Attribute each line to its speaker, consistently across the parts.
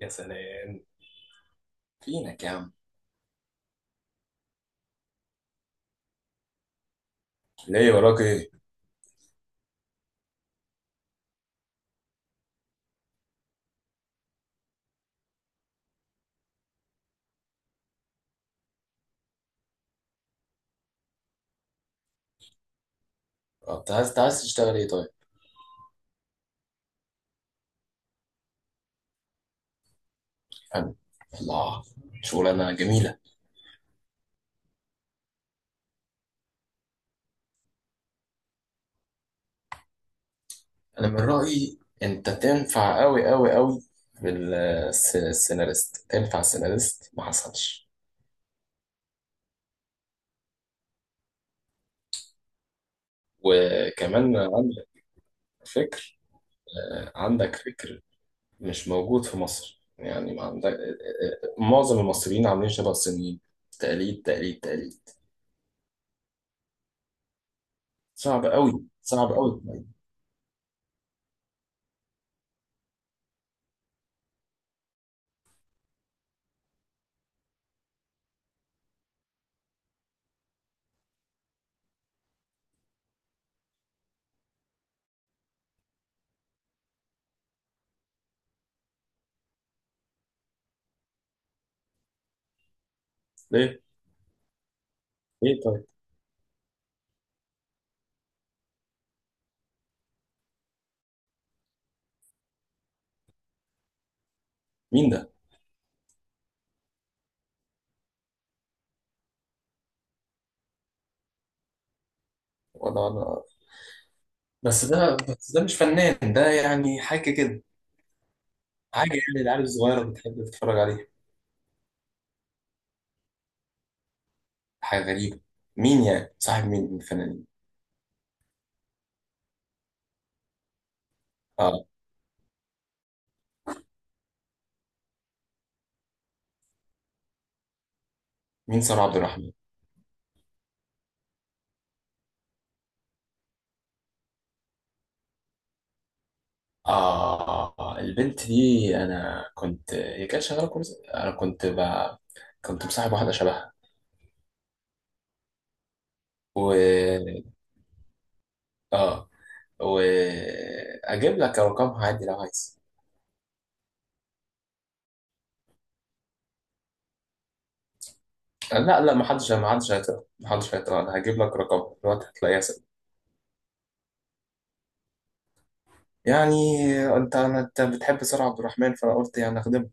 Speaker 1: يا سلام، فينك يا عم؟ ليه وراك ايه؟ انت عايز تشتغل ايه طيب؟ حلو. الله. شغلانة جميلة. انا من رأيي انت تنفع قوي قوي قوي بالسيناريست، تنفع سيناريست ما حصلش. وكمان عندك فكر. عندك فكر مش موجود في مصر، يعني ما عندك. معظم المصريين عاملين شبه الصينيين، تقليد تقليد تقليد. صعب قوي، صعب قوي. ليه؟ ليه طيب؟ مين ده؟ ولا. بس ده مش فنان، ده يعني حاجة كده. حاجة يعني العيال الصغيرة بتحب تتفرج عليها، حاجة غريبة. مين يعني صاحب مين من الفنانين؟ اه. مين سارة عبد الرحمن؟ اه، البنت دي، انا كنت، هي كانت شغالة كويس، انا كنت مصاحب واحدة شبهها. و اه واجيب لك رقمها عادي لو عايز. لا لا، ما حدش هيطلع، ما حدش هيطلع، انا هجيب لك رقمها دلوقتي، هتلاقيها سهل. يعني، انت بتحب سارة عبد الرحمن، فانا قلت يعني اخدمها.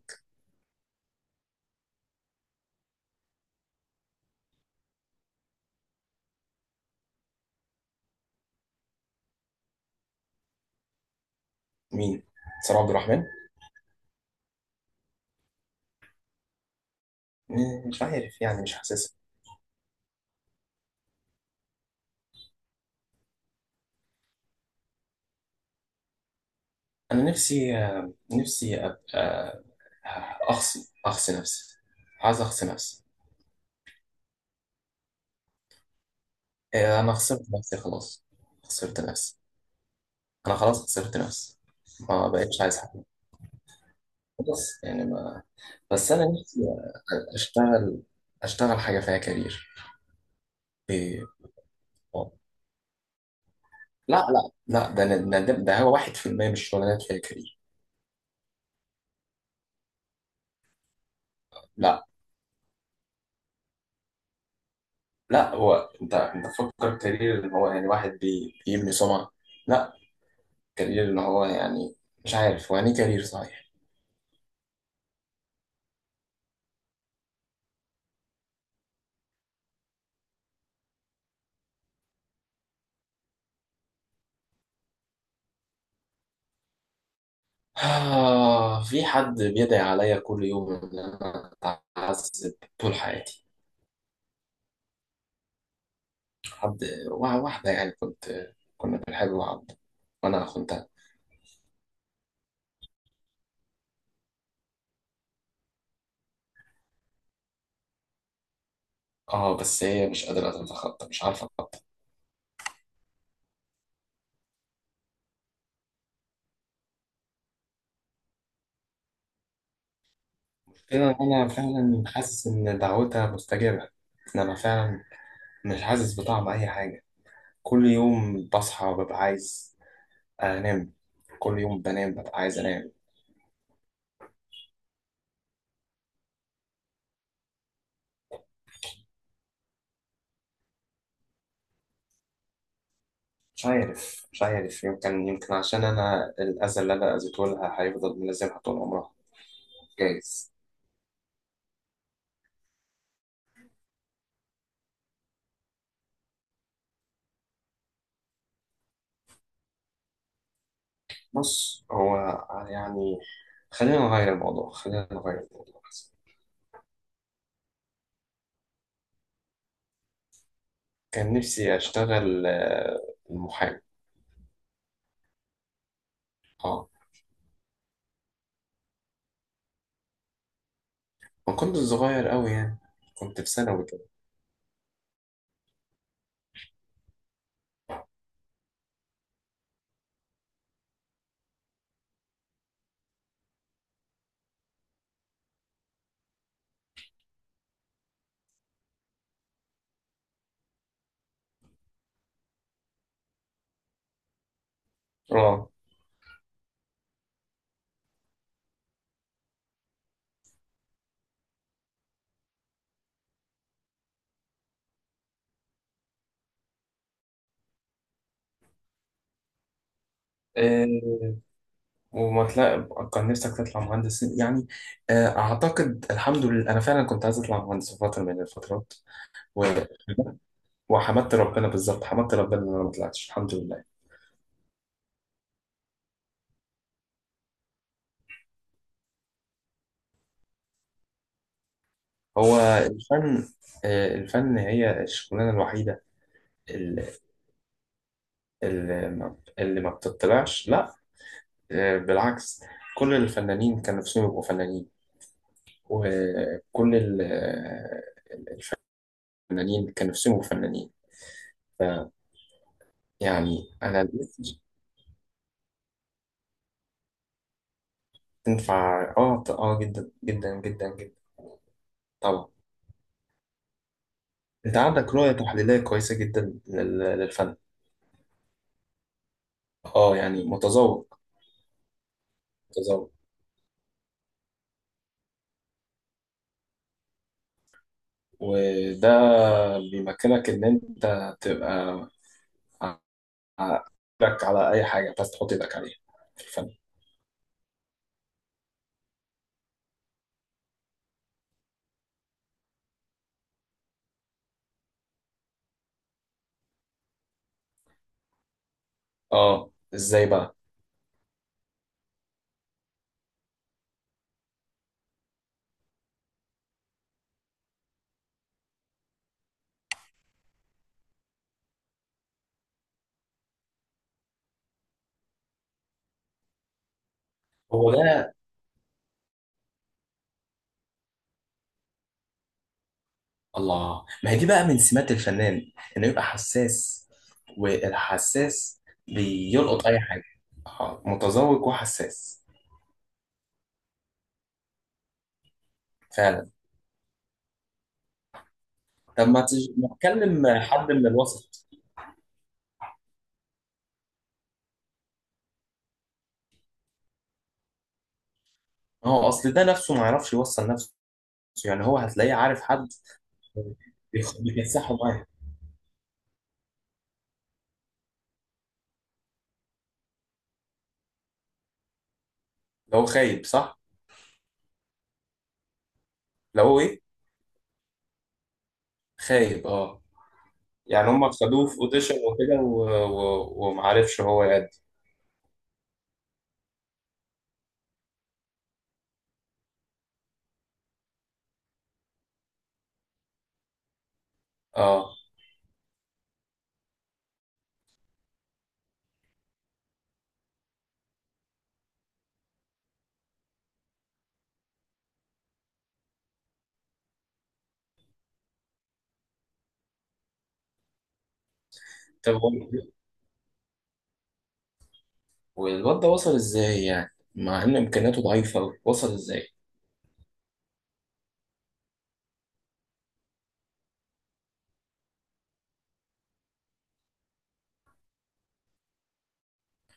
Speaker 1: مين؟ سلام عبد الرحمن؟ مش عارف يعني، مش حاسسها. انا نفسي، نفسي ابقى، اخصي نفسي، عايز اخصي نفسي. انا خسرت نفسي خلاص، خسرت نفسي. انا خلاص خسرت نفسي، ما بقتش عايز حاجه، خلاص يعني ما. بس انا نفسي اشتغل، اشتغل حاجه فيها كارير. آه. لا لا لا، ده هو 1% من الشغلانات فيها كارير. لا. لا هو، انت فكر كارير ان هو يعني واحد بيبني سمعه، لا. كارير اللي هو يعني، مش عارف هو يعني إيه كارير صحيح. آه، في حد بيدعي عليا كل يوم إن أنا أتعذب طول حياتي. حد، واحدة يعني، كنت، كنا بنحب بعض وأنا خنتها. آه بس هي مش قادرة تتخطى، مش عارفة أتخطى. كده أنا فعلا حاسس إن دعوتها مستجابة، إن أنا فعلا مش حاسس بطعم أي حاجة. كل يوم بصحى ببقى عايز أنام، كل يوم بنام ببقى عايز أنام. مش عارف، يمكن عشان أنا الأذى اللي أنا أذيته لها هيفضل ملازمها طول عمرها. جايز. بص هو، يعني، خلينا نغير الموضوع، خلينا نغير الموضوع. كان نفسي أشتغل محامي. اه، ما كنت صغير أوي يعني، كنت في ثانوي كده. اه. آه، وما تلاقي، كان نفسك تطلع مهندس يعني. أعتقد الحمد لله أنا فعلا كنت عايز أطلع مهندس في فترة من الفترات، و- وحمدت ربنا، بالظبط حمدت ربنا إن أنا ما طلعتش الحمد لله. هو الفن، الفن هي الشغلانة الوحيدة ال- اللي ما بتطلعش. لا، بالعكس، كل الفنانين كان نفسهم يبقوا فنانين، وكل الفنانين كان نفسهم يبقوا فنانين. يعني أنا الناس تنفع، جدا جدا جدا جدا. طبعا، أنت عندك رؤية تحليلية كويسة جدا للفن. آه يعني متذوق. متذوق. وده بيمكنك إن أنت تبقى ايدك على اي حاجه، بس تحط ايدك عليها في الفن. اه، ازاي بقى؟ هو ده. الله، ما هي دي بقى من سمات الفنان، انه يبقى حساس، والحساس بيلقط اي حاجه. آه، متذوق وحساس. فعلا. طب ما تكلم حد من الوسط. ما هو اصل ده نفسه ما يعرفش يوصل نفسه، يعني هو هتلاقيه عارف حد؟ بيكسحه معاه. لو خايب صح. لو هو ايه؟ خايب، اه. يعني هم خدوه في اوديشن وكده ومعرفش هو يأدي. اه. طب هو، والواد ده وصل ازاي يعني، مع ان امكانياته ضعيفه أوي؟ وصل ازاي؟